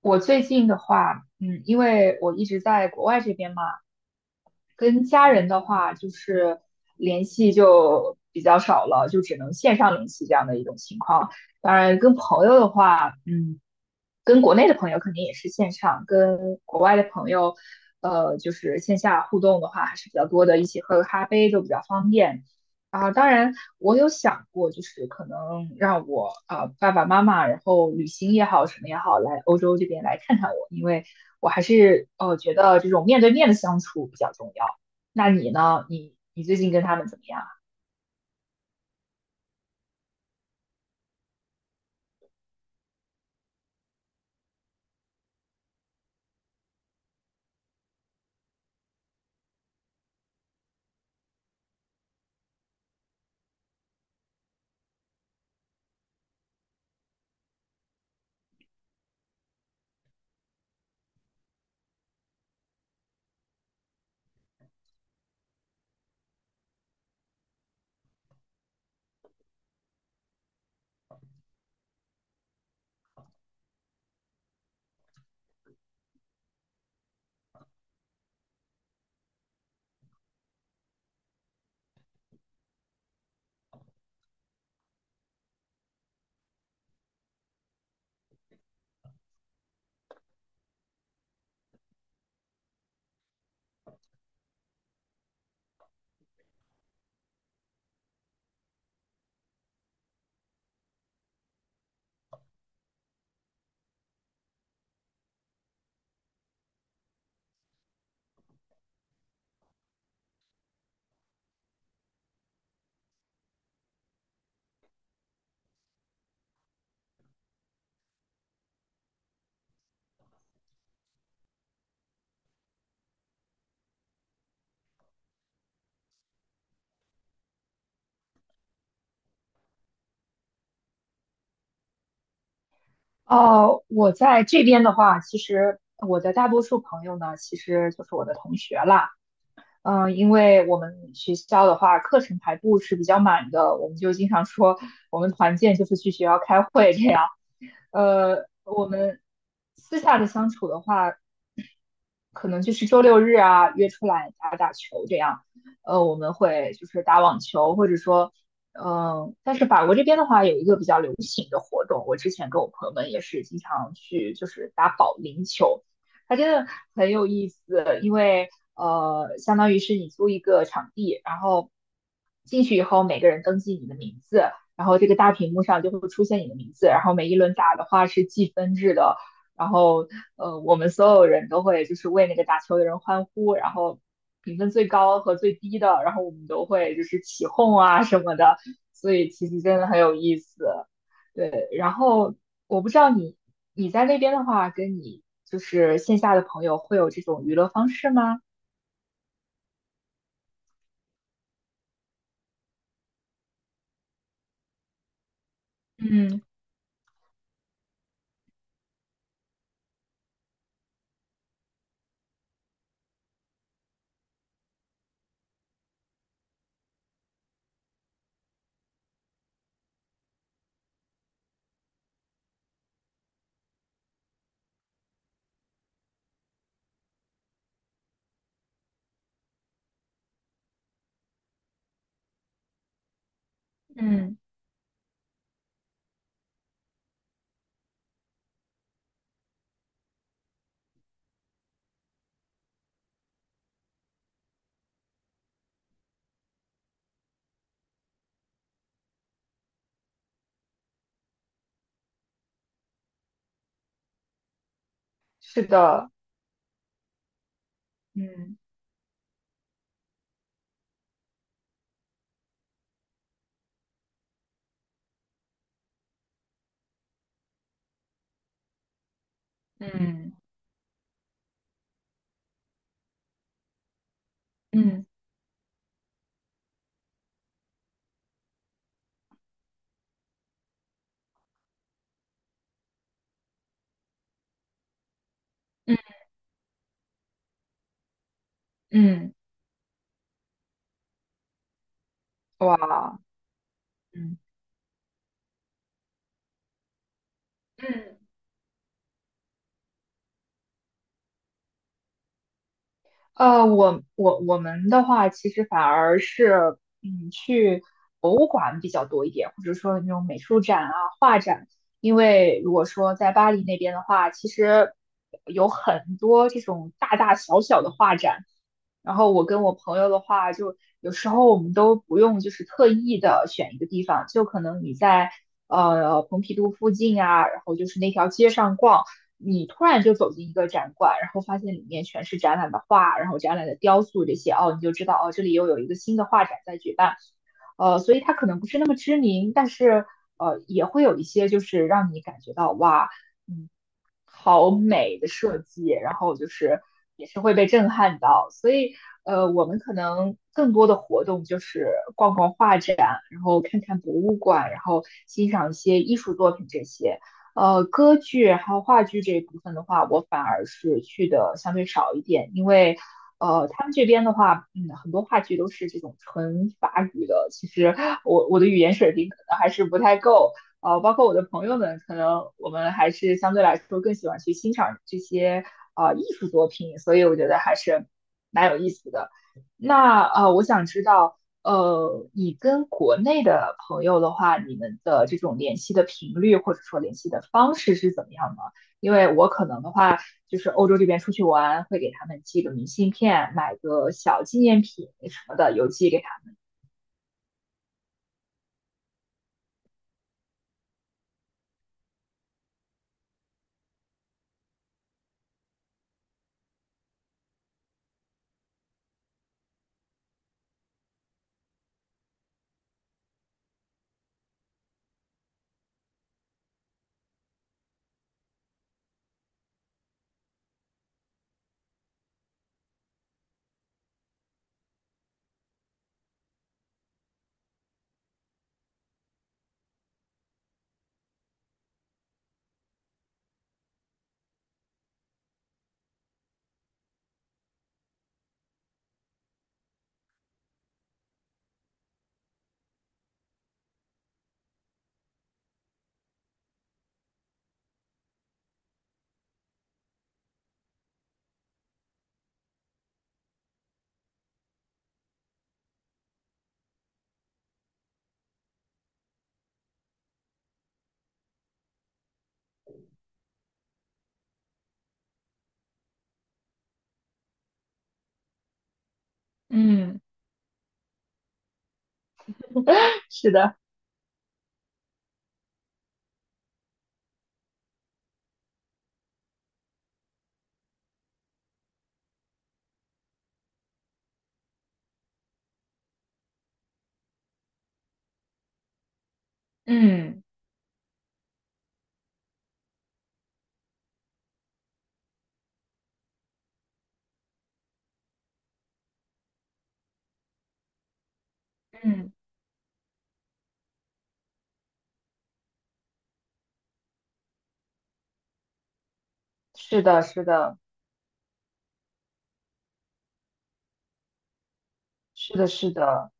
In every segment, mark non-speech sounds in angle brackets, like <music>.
我最近的话，嗯，因为我一直在国外这边嘛，跟家人的话就是联系就比较少了，就只能线上联系这样的一种情况。当然，跟朋友的话，嗯，跟国内的朋友肯定也是线上，跟国外的朋友，就是线下互动的话还是比较多的，一起喝个咖啡都比较方便。啊，当然，我有想过，就是可能让我爸爸妈妈，然后旅行也好，什么也好，来欧洲这边来看看我，因为我还是觉得这种面对面的相处比较重要。那你呢？你最近跟他们怎么样？哦，我在这边的话，其实我的大多数朋友呢，其实就是我的同学啦。因为我们学校的话，课程排布是比较满的，我们就经常说我们团建就是去学校开会这样。我们私下的相处的话，可能就是周六日啊约出来打打球这样。我们会就是打网球，或者说，嗯，但是法国这边的话有一个比较流行的活动，我之前跟我朋友们也是经常去，就是打保龄球，它真的很有意思，因为相当于是你租一个场地，然后进去以后每个人登记你的名字，然后这个大屏幕上就会出现你的名字，然后每一轮打的话是计分制的，然后我们所有人都会就是为那个打球的人欢呼，然后评分最高和最低的，然后我们都会就是起哄啊什么的，所以其实真的很有意思。然后我不知道你在那边的话，跟你就是线下的朋友会有这种娱乐方式吗？嗯嗯，是的，嗯嗯嗯嗯嗯，哇。嗯嗯。我我们的话，其实反而是，嗯，去博物馆比较多一点，或者说那种美术展啊、画展。因为如果说在巴黎那边的话，其实有很多这种大大小小的画展。然后我跟我朋友的话，就有时候我们都不用就是特意的选一个地方，就可能你在蓬皮杜附近啊，然后就是那条街上逛。你突然就走进一个展馆，然后发现里面全是展览的画，然后展览的雕塑这些，哦，你就知道哦，这里又有一个新的画展在举办，呃，所以它可能不是那么知名，但是也会有一些就是让你感觉到哇，嗯，好美的设计，然后就是也是会被震撼到，所以我们可能更多的活动就是逛逛画展，然后看看博物馆，然后欣赏一些艺术作品这些。歌剧还有话剧这一部分的话，我反而是去的相对少一点，因为他们这边的话，嗯，很多话剧都是这种纯法语的，其实我的语言水平可能还是不太够，包括我的朋友们，可能我们还是相对来说更喜欢去欣赏这些艺术作品，所以我觉得还是蛮有意思的。那我想知道。你跟国内的朋友的话，你们的这种联系的频率或者说联系的方式是怎么样的？因为我可能的话，就是欧洲这边出去玩，会给他们寄个明信片，买个小纪念品什么的，邮寄给他们嗯 <laughs> 是的，嗯嗯，是的，是的，是的，是的。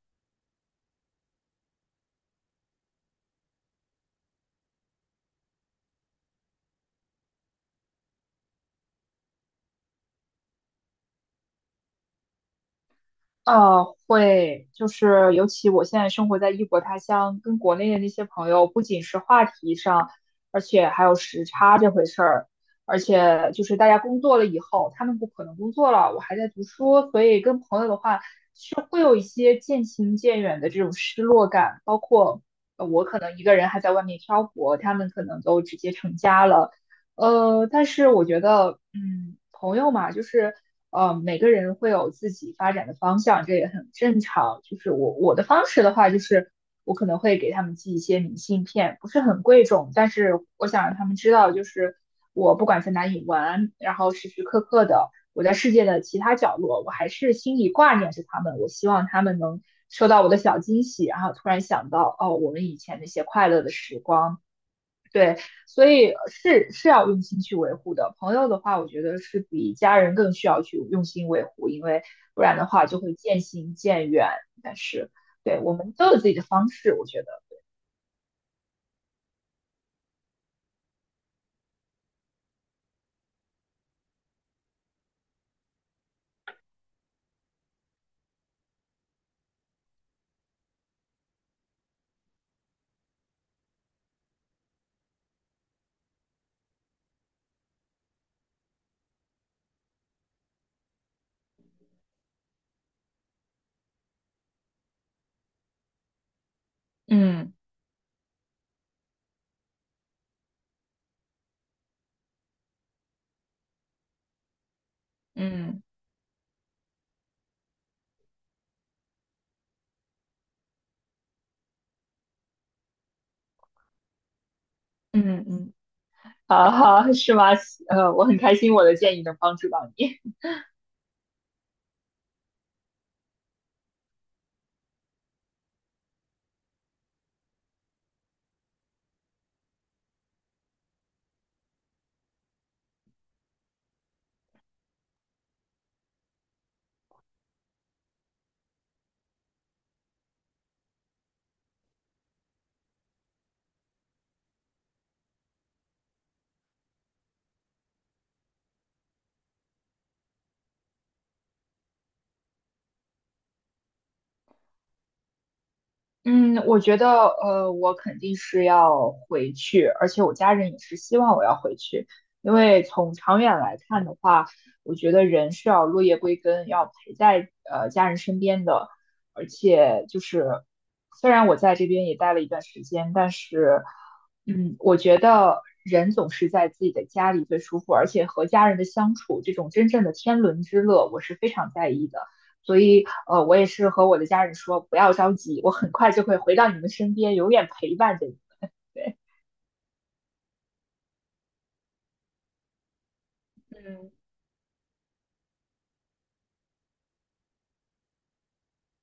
会，就是尤其我现在生活在异国他乡，跟国内的那些朋友，不仅是话题上，而且还有时差这回事儿，而且就是大家工作了以后，他们不可能工作了，我还在读书，所以跟朋友的话是会有一些渐行渐远的这种失落感，包括我可能一个人还在外面漂泊，他们可能都直接成家了。但是我觉得，嗯，朋友嘛，就是每个人会有自己发展的方向，这也很正常。就是我的方式的话，就是我可能会给他们寄一些明信片，不是很贵重，但是我想让他们知道，就是我不管在哪里玩，然后时时刻刻的我在世界的其他角落，我还是心里挂念着他们。我希望他们能收到我的小惊喜，然后突然想到，哦，我们以前那些快乐的时光。对，所以是是要用心去维护的。朋友的话，我觉得是比家人更需要去用心维护，因为不然的话就会渐行渐远。但是，对，我们都有自己的方式，我觉得，嗯嗯嗯嗯，好好是吗？<laughs> 我很开心我的建议能帮助到你。嗯，我觉得，我肯定是要回去，而且我家人也是希望我要回去，因为从长远来看的话，我觉得人是要落叶归根，要陪在家人身边的，而且就是虽然我在这边也待了一段时间，但是，嗯，我觉得人总是在自己的家里最舒服，而且和家人的相处，这种真正的天伦之乐，我是非常在意的。所以我也是和我的家人说，不要着急，我很快就会回到你们身边，永远陪伴着你们。对，嗯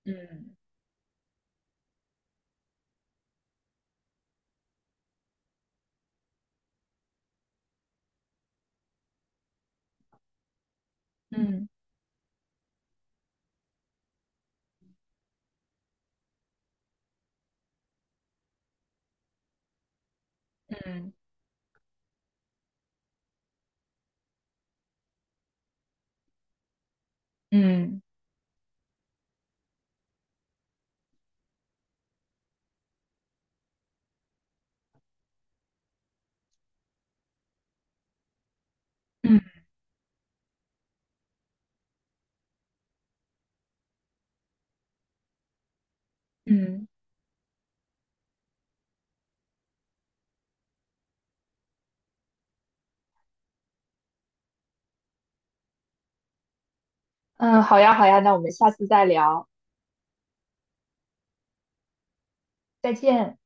嗯嗯嗯嗯嗯嗯，嗯，好呀，好呀，那我们下次再聊，再见。